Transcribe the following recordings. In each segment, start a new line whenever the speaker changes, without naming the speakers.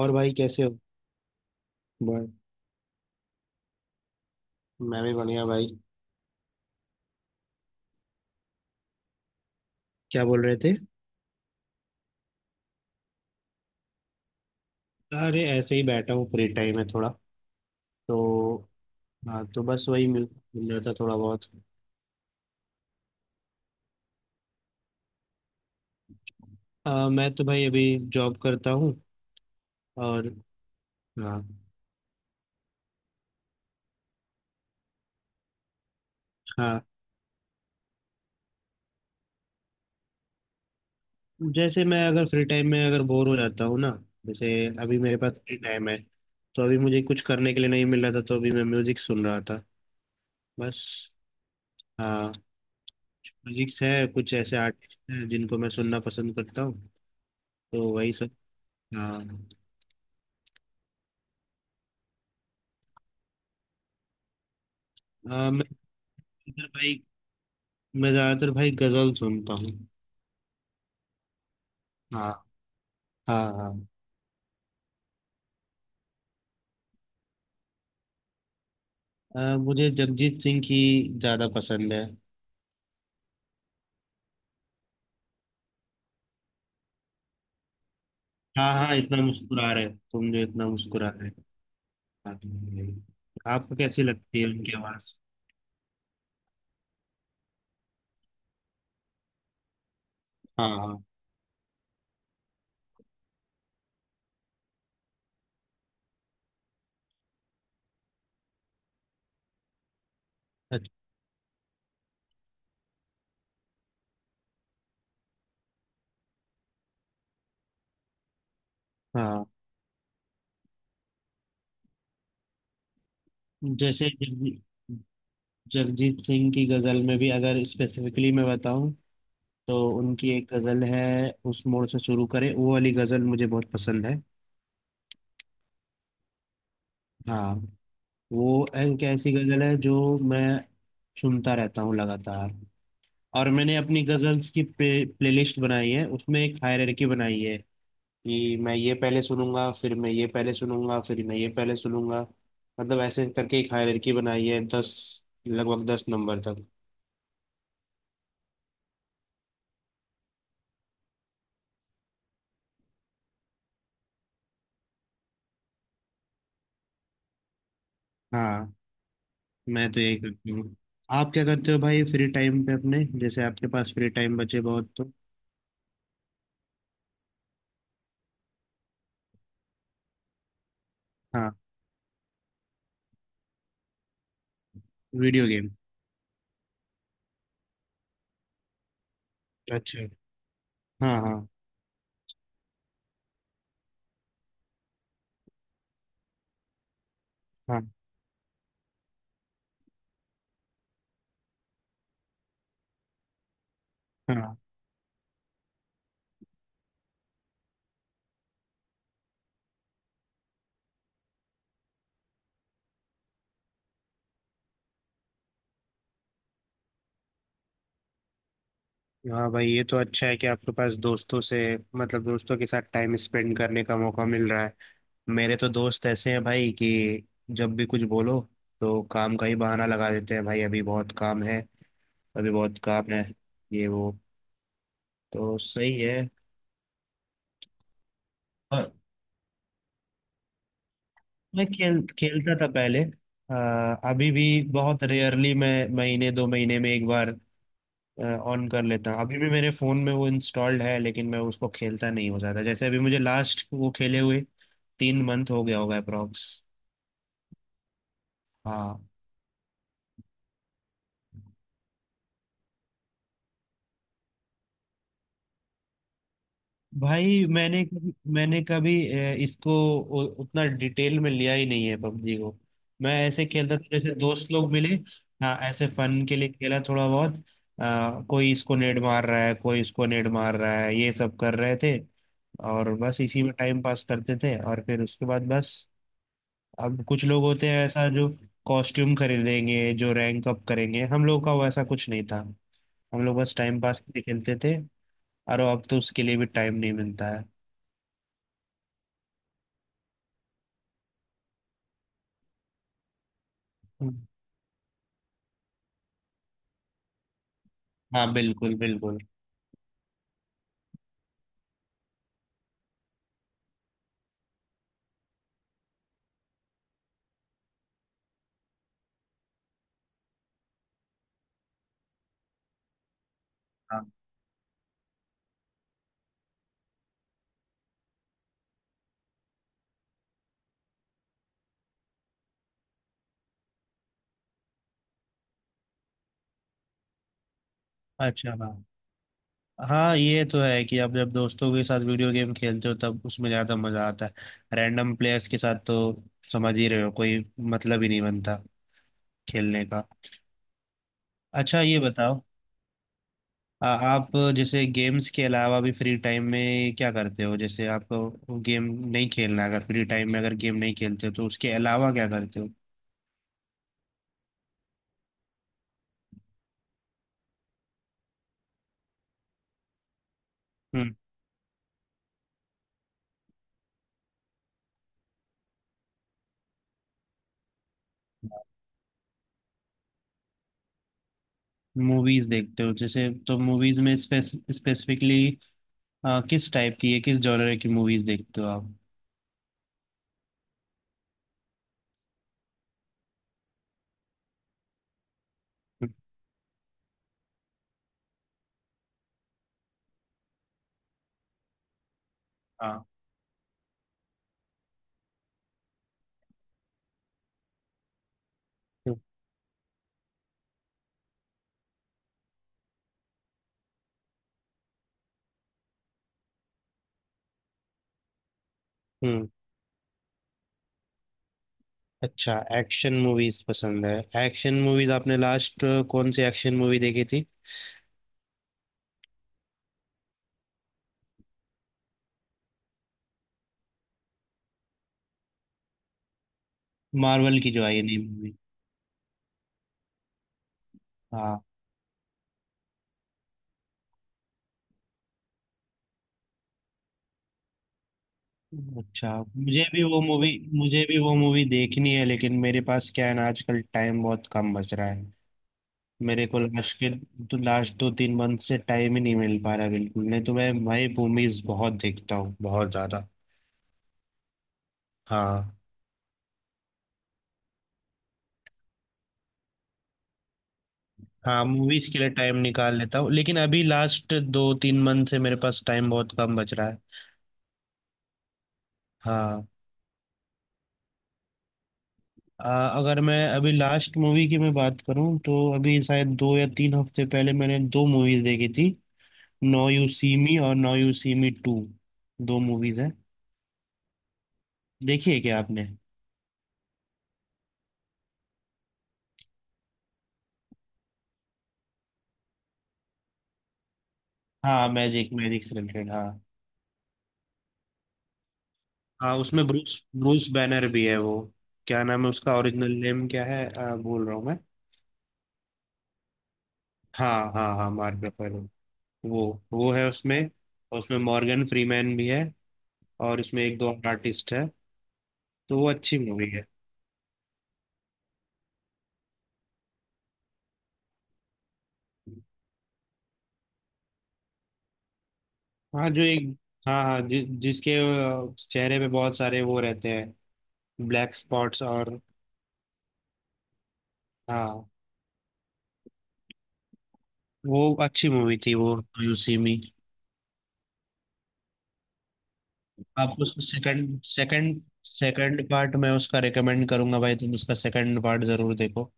और भाई कैसे हो। बस मैं भी बढ़िया भाई। क्या बोल रहे थे? अरे ऐसे ही बैठा हूँ, फ्री टाइम है थोड़ा तो। हाँ तो बस वही मिल मिल रहा था थोड़ा बहुत। मैं तो भाई अभी जॉब करता हूँ। और हाँ हाँ। जैसे मैं अगर फ्री टाइम में अगर बोर हो जाता हूँ ना, जैसे अभी मेरे पास फ्री टाइम है तो अभी मुझे कुछ करने के लिए नहीं मिल रहा था, तो अभी मैं म्यूजिक सुन रहा था बस। हाँ, म्यूजिक है। कुछ ऐसे आर्टिस्ट हैं जिनको मैं सुनना पसंद करता हूँ, तो वही सब। हाँ, हाँ, इधर भाई। मैं ज्यादातर भाई गजल सुनता हूँ। हाँ हाँ हाँ। मुझे जगजीत सिंह की ज्यादा पसंद है। हाँ हाँ, इतना मुस्कुरा रहे, तुम जो इतना मुस्कुरा रहे। हाँ। आपको कैसी लगती है उनकी आवाज? हाँ हाँ। अच्छा। हाँ, जैसे जगजीत सिंह की गजल में भी अगर स्पेसिफिकली मैं बताऊं, तो उनकी एक गजल है, उस मोड़ से शुरू करें वो वाली गजल मुझे बहुत पसंद है। हाँ, वो एक ऐसी गजल है जो मैं सुनता रहता हूँ लगातार। और मैंने अपनी गजल्स की प्लेलिस्ट बनाई है, उसमें एक हायरार्की बनाई है कि मैं ये पहले सुनूंगा, फिर मैं ये पहले सुनूंगा, फिर मैं ये पहले सुनूंगा। मतलब ऐसे करके एक हायरार्की बनाई है, दस, लगभग 10 नंबर तक। हाँ, मैं तो यही करती हूँ। आप क्या करते हो भाई फ्री टाइम पे अपने, जैसे आपके पास फ्री टाइम बचे बहुत तो? हाँ। Video game? अच्छा। हाँ हाँ। हाँ हाँ। हाँ भाई, ये तो अच्छा है कि आपके पास दोस्तों से, मतलब दोस्तों के साथ टाइम स्पेंड करने का मौका मिल रहा है। मेरे तो दोस्त ऐसे हैं भाई कि जब भी कुछ बोलो तो काम का ही बहाना लगा देते हैं। भाई अभी बहुत काम है, अभी बहुत काम है, ये वो। तो सही है। और मैं खेल खेलता था पहले। अभी भी बहुत रेयरली, मैं महीने 2 महीने में एक बार ऑन कर लेता हूँ। अभी भी मेरे फोन में वो इंस्टॉल्ड है, लेकिन मैं उसको खेलता नहीं हो जाता। जैसे अभी मुझे लास्ट वो खेले हुए 3 मंथ हो गया होगा अप्रोक्स। हाँ भाई, मैंने कभी इसको उतना डिटेल में लिया ही नहीं है पबजी को। मैं ऐसे खेलता था, जैसे दोस्त लोग मिले, हाँ ऐसे फन के लिए खेला थोड़ा बहुत। कोई इसको नेड मार रहा है, कोई इसको नेड मार रहा है, ये सब कर रहे थे। और बस इसी में टाइम पास करते थे, और फिर उसके बाद बस। अब कुछ लोग होते हैं ऐसा जो कॉस्ट्यूम खरीदेंगे, जो रैंक अप करेंगे, हम लोग का वैसा कुछ नहीं था। हम लोग बस टाइम पास के लिए खेलते थे। अरे अब तो उसके लिए भी टाइम नहीं मिलता है। हम्म, हाँ बिल्कुल बिल्कुल। हाँ। अच्छा। हाँ हाँ, ये तो है कि आप जब दोस्तों के साथ वीडियो गेम खेलते हो तब उसमें ज़्यादा मज़ा आता है। रैंडम प्लेयर्स के साथ तो, समझ ही रहे हो, कोई मतलब ही नहीं बनता खेलने का। अच्छा ये बताओ, आप जैसे गेम्स के अलावा भी फ्री टाइम में क्या करते हो? जैसे आपको गेम नहीं खेलना, अगर फ्री टाइम में अगर गेम नहीं खेलते हो तो उसके अलावा क्या करते हो? हम्म। मूवीज देखते हो जैसे, तो मूवीज में स्पेसिफिकली किस टाइप की है, किस जॉनर की मूवीज देखते हो आप? हाँ। हम्म। अच्छा, एक्शन मूवीज पसंद है। एक्शन मूवीज आपने लास्ट कौन सी एक्शन मूवी देखी थी? मार्वल की जो आई है नई मूवी। हाँ। अच्छा, मुझे भी वो मूवी देखनी है, लेकिन मेरे पास क्या है ना, आजकल टाइम बहुत कम बच रहा है। मेरे को लास्ट के, तो लास्ट 2 3 मंथ से टाइम ही नहीं मिल पा रहा बिल्कुल। नहीं तो मैं भाई मूवीज बहुत देखता हूँ, बहुत ज्यादा। हाँ। हाँ, मूवीज के लिए टाइम निकाल लेता हूँ, लेकिन अभी लास्ट 2 3 मंथ से मेरे पास टाइम बहुत कम बच रहा है। हाँ। अगर मैं अभी लास्ट मूवी की मैं बात करूँ तो अभी शायद 2 या 3 हफ्ते पहले मैंने 2 मूवीज देखी थी। नो यू सी मी और now you see me 2, 2 movies है। देखी है क्या आपने? हाँ, मैजिक, मैजिक से रिलेटेड हाँ। हाँ उसमें ब्रूस ब्रूस बैनर भी है वो। क्या नाम है उसका, ओरिजिनल नेम क्या है बोल रहा हूँ मैं। हाँ हाँ हाँ, मार्क रफेलो। वो वो है उसमें। और उसमें मॉर्गन फ्रीमैन भी है। और इसमें एक दो और आर्टिस्ट है, तो वो अच्छी मूवी है। हाँ जो एक, हाँ हाँ जिसके चेहरे पे बहुत सारे वो रहते हैं, ब्लैक स्पॉट्स और। हाँ। वो अच्छी मूवी थी वो, यू सी मी। आपको उसका सेकंड, सेकंड पार्ट मैं उसका रिकमेंड करूंगा भाई, तुम उसका सेकंड पार्ट जरूर देखो।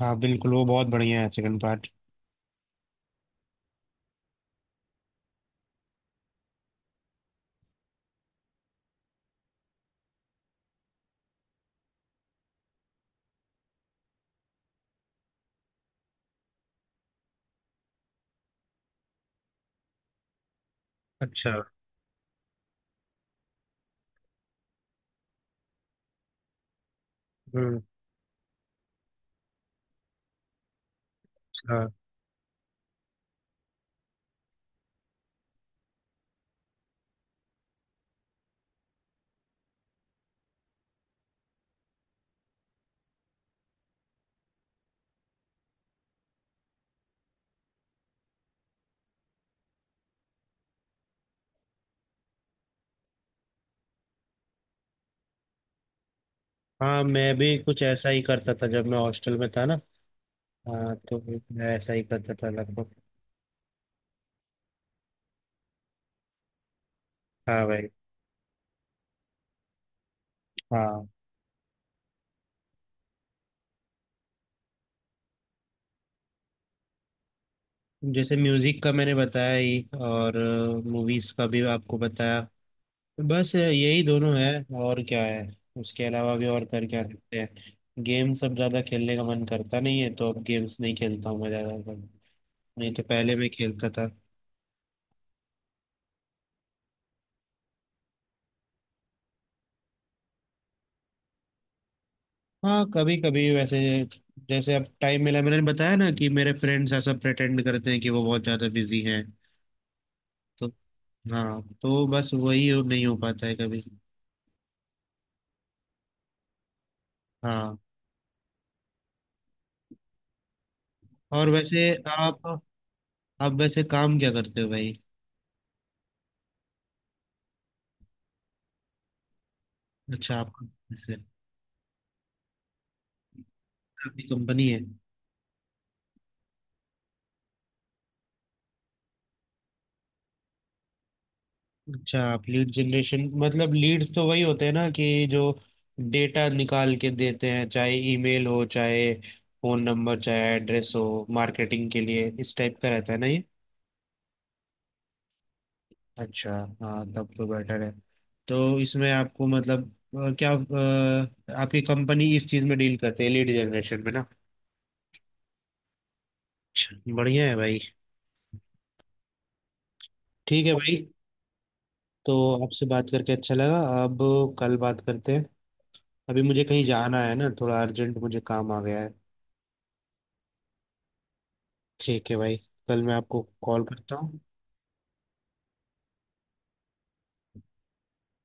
हाँ बिल्कुल, वो बहुत बढ़िया है सेकंड पार्ट। अच्छा। हम्म। हाँ हाँ, मैं भी कुछ ऐसा ही करता था जब मैं हॉस्टल में था ना। हाँ तो मैं ऐसा ही करता था लगभग। हाँ भाई। हाँ, जैसे म्यूजिक का मैंने बताया ही, और मूवीज का भी आपको बताया, बस यही दोनों है। और क्या है, उसके अलावा भी और कर क्या सकते हैं? गेम्स अब ज्यादा खेलने का मन करता नहीं है, तो अब गेम्स नहीं खेलता हूँ मैं ज्यादा। नहीं तो पहले मैं खेलता था। हाँ कभी कभी वैसे, जैसे अब टाइम मिला, मैंने बताया ना कि मेरे फ्रेंड्स ऐसा प्रेटेंड करते हैं कि वो बहुत ज्यादा बिजी हैं, तो। हाँ, तो बस वही नहीं हो पाता है कभी। हाँ। और वैसे, आप आप वैसे काम क्या करते हो भाई? अच्छा, आप वैसे, आपकी कंपनी है? अच्छा, आप लीड जनरेशन मतलब लीड्स तो वही होते हैं ना, कि जो डेटा निकाल के देते हैं, चाहे ईमेल हो, चाहे फोन नंबर, चाहे एड्रेस हो, मार्केटिंग के लिए, इस टाइप का रहता है ना ये? अच्छा, हाँ तब तो बेटर है। तो इसमें आपको मतलब, क्या आपकी कंपनी इस चीज़ में डील करते है लीड जनरेशन में ना? अच्छा बढ़िया है भाई। ठीक है भाई। तो आपसे बात करके अच्छा लगा, अब कल बात करते हैं। अभी मुझे कहीं जाना है ना, थोड़ा अर्जेंट मुझे काम आ गया है। ठीक है भाई, कल मैं आपको कॉल करता हूँ।